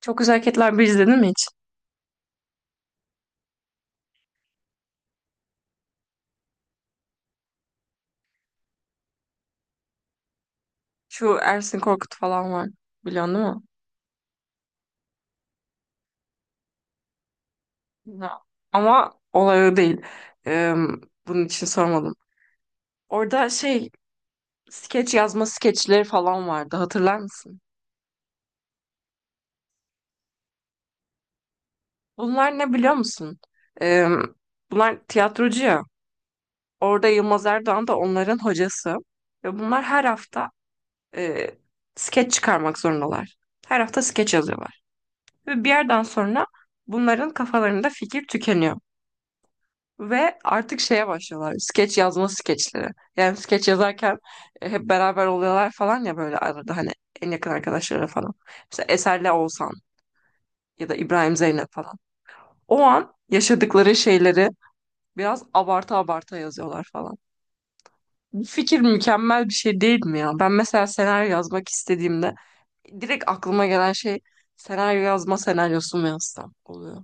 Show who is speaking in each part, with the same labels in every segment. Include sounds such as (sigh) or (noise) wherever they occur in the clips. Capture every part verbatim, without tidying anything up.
Speaker 1: Çok Güzel Hareketler bir izledin mi hiç? Şu Ersin Korkut falan var. Biliyorsun değil mi? Ya. Ama olay o değil. Ee, Bunun için sormadım. Orada şey skeç yazma skeçleri falan vardı. Hatırlar mısın? Bunlar ne biliyor musun? Ee, Bunlar tiyatrocu ya. Orada Yılmaz Erdoğan da onların hocası. Ve bunlar her hafta e, skeç çıkarmak zorundalar. Her hafta skeç yazıyorlar. Ve bir yerden sonra bunların kafalarında fikir tükeniyor. Ve artık şeye başlıyorlar. Skeç yazma skeçleri. Yani skeç yazarken e, hep beraber oluyorlar falan ya, böyle arada hani en yakın arkadaşları falan. Mesela Eser'le Oğuzhan, ya da İbrahim Zeynep falan. O an yaşadıkları şeyleri biraz abarta abarta yazıyorlar falan. Bu fikir mükemmel bir şey değil mi ya? Ben mesela senaryo yazmak istediğimde direkt aklıma gelen şey, senaryo yazma senaryosu mu yazsam oluyor.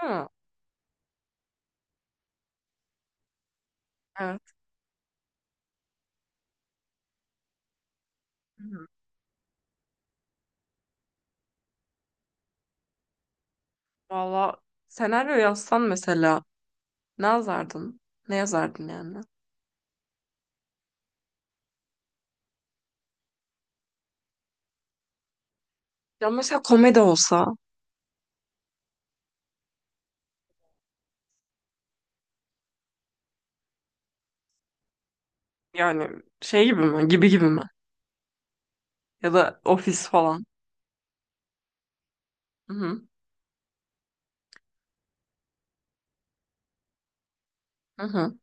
Speaker 1: Hı. Evet. Hı hı. Valla, senaryo yazsan mesela, ne yazardın? Ne yazardın yani? Ya mesela komedi olsa, yani şey gibi mi? Gibi gibi mi? Ya da ofis falan. Hı hı. Hı hı.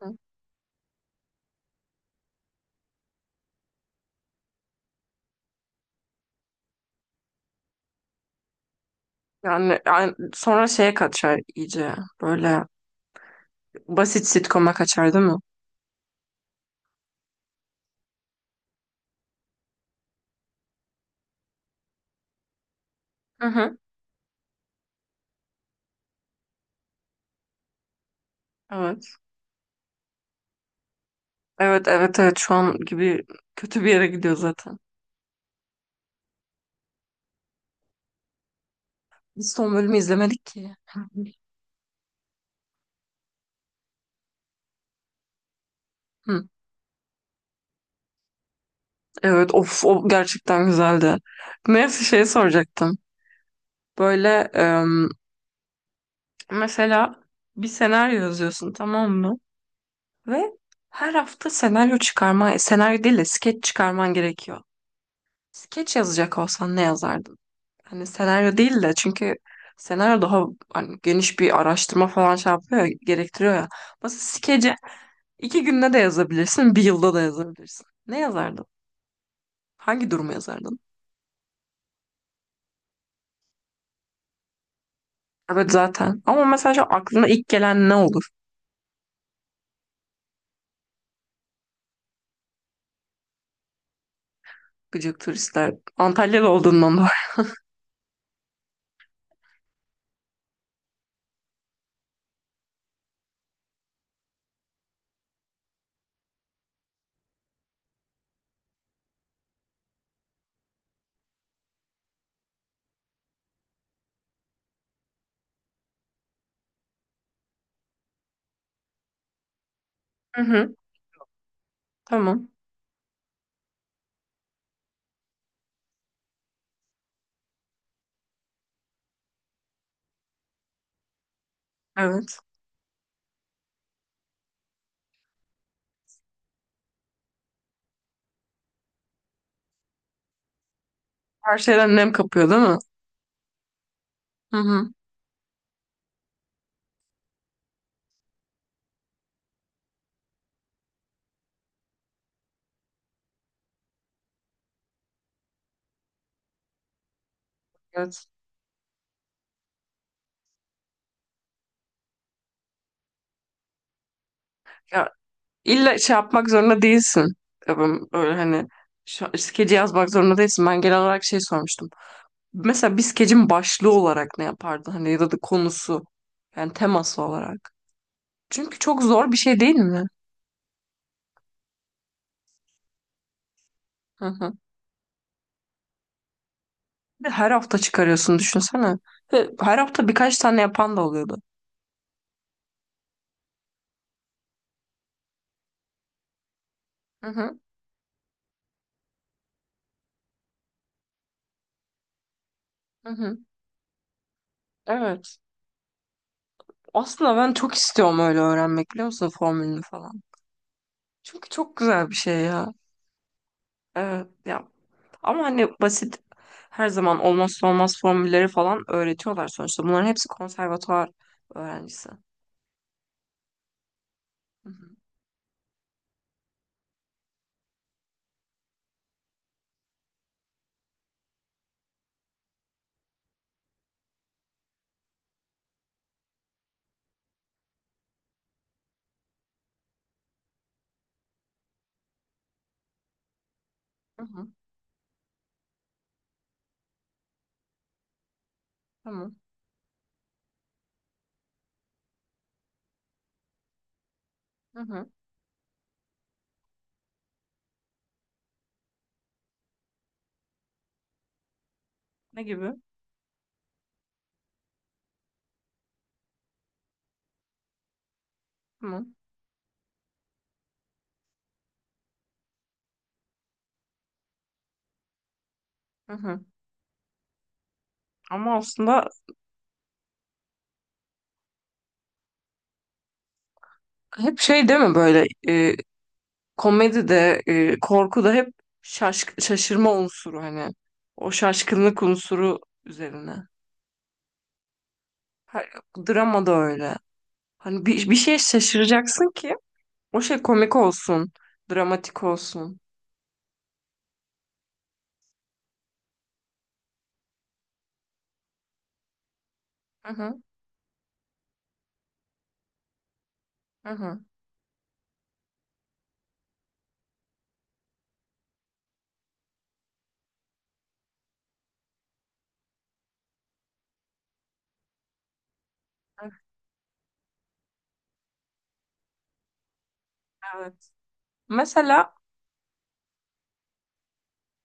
Speaker 1: Hı. Yani, yani sonra şeye kaçar iyice. Böyle basit sitcom'a kaçar değil mi? Hı hı. Evet. Evet, evet, evet, şu an Gibi kötü bir yere gidiyor zaten. Biz son bölümü izlemedik ki. Hı. Hı. Hı. Evet, of, o gerçekten güzeldi. Neyse şey soracaktım. Böyle em, mesela bir senaryo yazıyorsun, tamam mı? Ve her hafta senaryo çıkarma, senaryo değil de skeç çıkarman gerekiyor. Skeç yazacak olsan ne yazardın? Hani senaryo değil, de çünkü senaryo daha hani geniş bir araştırma falan şey yapıyor ya, gerektiriyor ya. Mesela skece iki günde de yazabilirsin, bir yılda da yazabilirsin. Ne yazardın? Hangi durumu yazardın? Evet zaten. Ama mesela şu aklına ilk gelen ne olur? Gıcık turistler. Antalyalı olduğundan dolayı. Hı hı. Tamam. Evet. Her şeyden nem kapıyor değil mi? Hı hı. Evet. Ya, İlla şey yapmak zorunda değilsin. Tabii, öyle hani şu, skeci yazmak zorunda değilsin. Ben genel olarak şey sormuştum. Mesela bir skecin başlığı olarak ne yapardın? Hani ya da da konusu. Yani teması olarak. Çünkü çok zor bir şey değil mi? Hı hı. Bir de her hafta çıkarıyorsun, düşünsene. Ve her hafta birkaç tane yapan da oluyordu. Hı hı, hı hı. Evet. Aslında ben çok istiyorum öyle öğrenmek, biliyor musun, formülünü falan. Çünkü çok güzel bir şey ya. Evet. Ya, ama hani basit, her zaman olmazsa olmaz formülleri falan öğretiyorlar sonuçta. Bunların hepsi konservatuvar öğrencisi. Hı hı. Hı hı. Tamam. Hı hı. Ne gibi? Tamam. Hı hı. Ama aslında hep şey değil mi, böyle e, komedi de e, korku da hep şaşk şaşırma unsuru, hani o şaşkınlık unsuru üzerine. Ha, drama da öyle. Hani bir, bir şeye şaşıracaksın ki o şey komik olsun, dramatik olsun. Hı hı. Hı hı. Evet. Mesela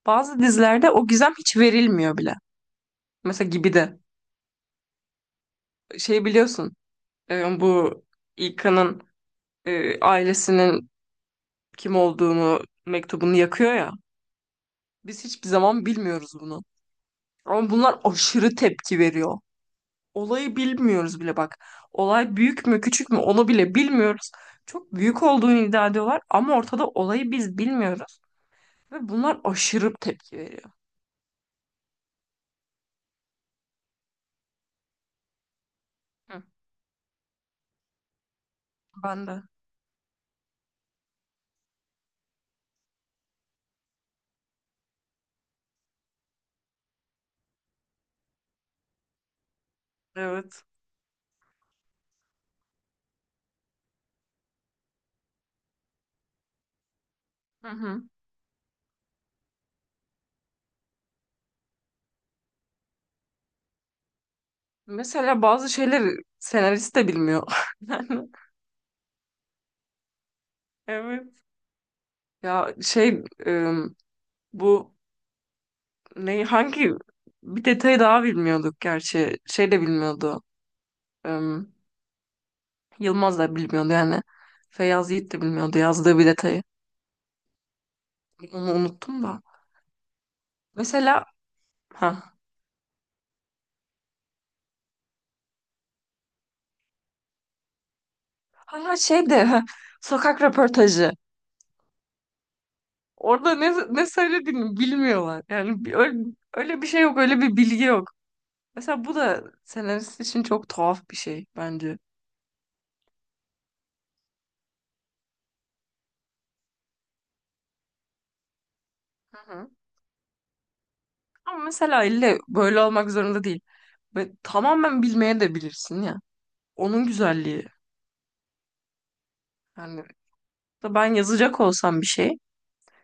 Speaker 1: bazı dizilerde o gizem hiç verilmiyor bile. Mesela Gibi de. Şey, biliyorsun, e, bu İlkan'ın e, ailesinin kim olduğunu, mektubunu yakıyor ya. Biz hiçbir zaman bilmiyoruz bunu. Ama bunlar aşırı tepki veriyor. Olayı bilmiyoruz bile, bak. Olay büyük mü küçük mü, onu bile bilmiyoruz. Çok büyük olduğunu iddia ediyorlar ama ortada, olayı biz bilmiyoruz. Ve bunlar aşırı tepki veriyor. Hı. Ben de. Evet. Hı hı. Mesela bazı şeyleri senarist de bilmiyor. (laughs) Yani, evet. Ya şey, e, bu ne, hangi, bir detayı daha bilmiyorduk gerçi. Şey de bilmiyordu. E, Yılmaz da bilmiyordu yani. Feyyaz Yiğit de bilmiyordu yazdığı bir detayı. Onu unuttum da. Mesela ha ha ha, şey de, ha, sokak röportajı. Orada ne ne söylediğini bilmiyorlar. Yani bir- öyle, öyle bir şey yok, öyle bir bilgi yok. Mesela bu da senarist için çok tuhaf bir şey bence. Ama mesela ille böyle olmak zorunda değil. Ve tamamen bilmeye de bilirsin ya. Onun güzelliği. Yani, da ben yazacak olsam bir şey,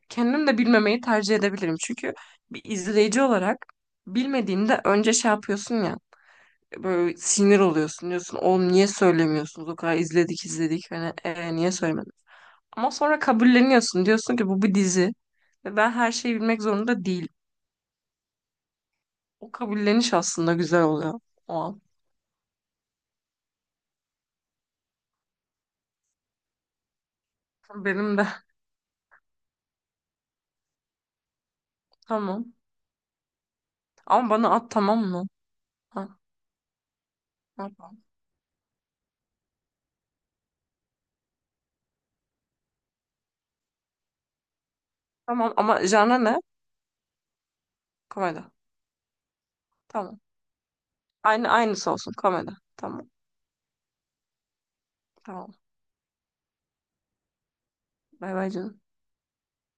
Speaker 1: kendim de bilmemeyi tercih edebilirim. Çünkü bir izleyici olarak bilmediğinde önce şey yapıyorsun ya, böyle sinir oluyorsun, diyorsun: "Oğlum, niye söylemiyorsunuz? O kadar izledik izledik. Hani, Ee, niye söylemedin?" Ama sonra kabulleniyorsun. Diyorsun ki bu bir dizi. Ve ben her şeyi bilmek zorunda değilim. O kabulleniş aslında güzel oluyor. O an. Benim de. (laughs) Tamam. Ama bana at, tamam mı? Ha, ha. Tamam, ama genre ne? Komedi. Tamam. Aynı aynısı olsun komedi. Tamam. Tamam. Bay bay canım.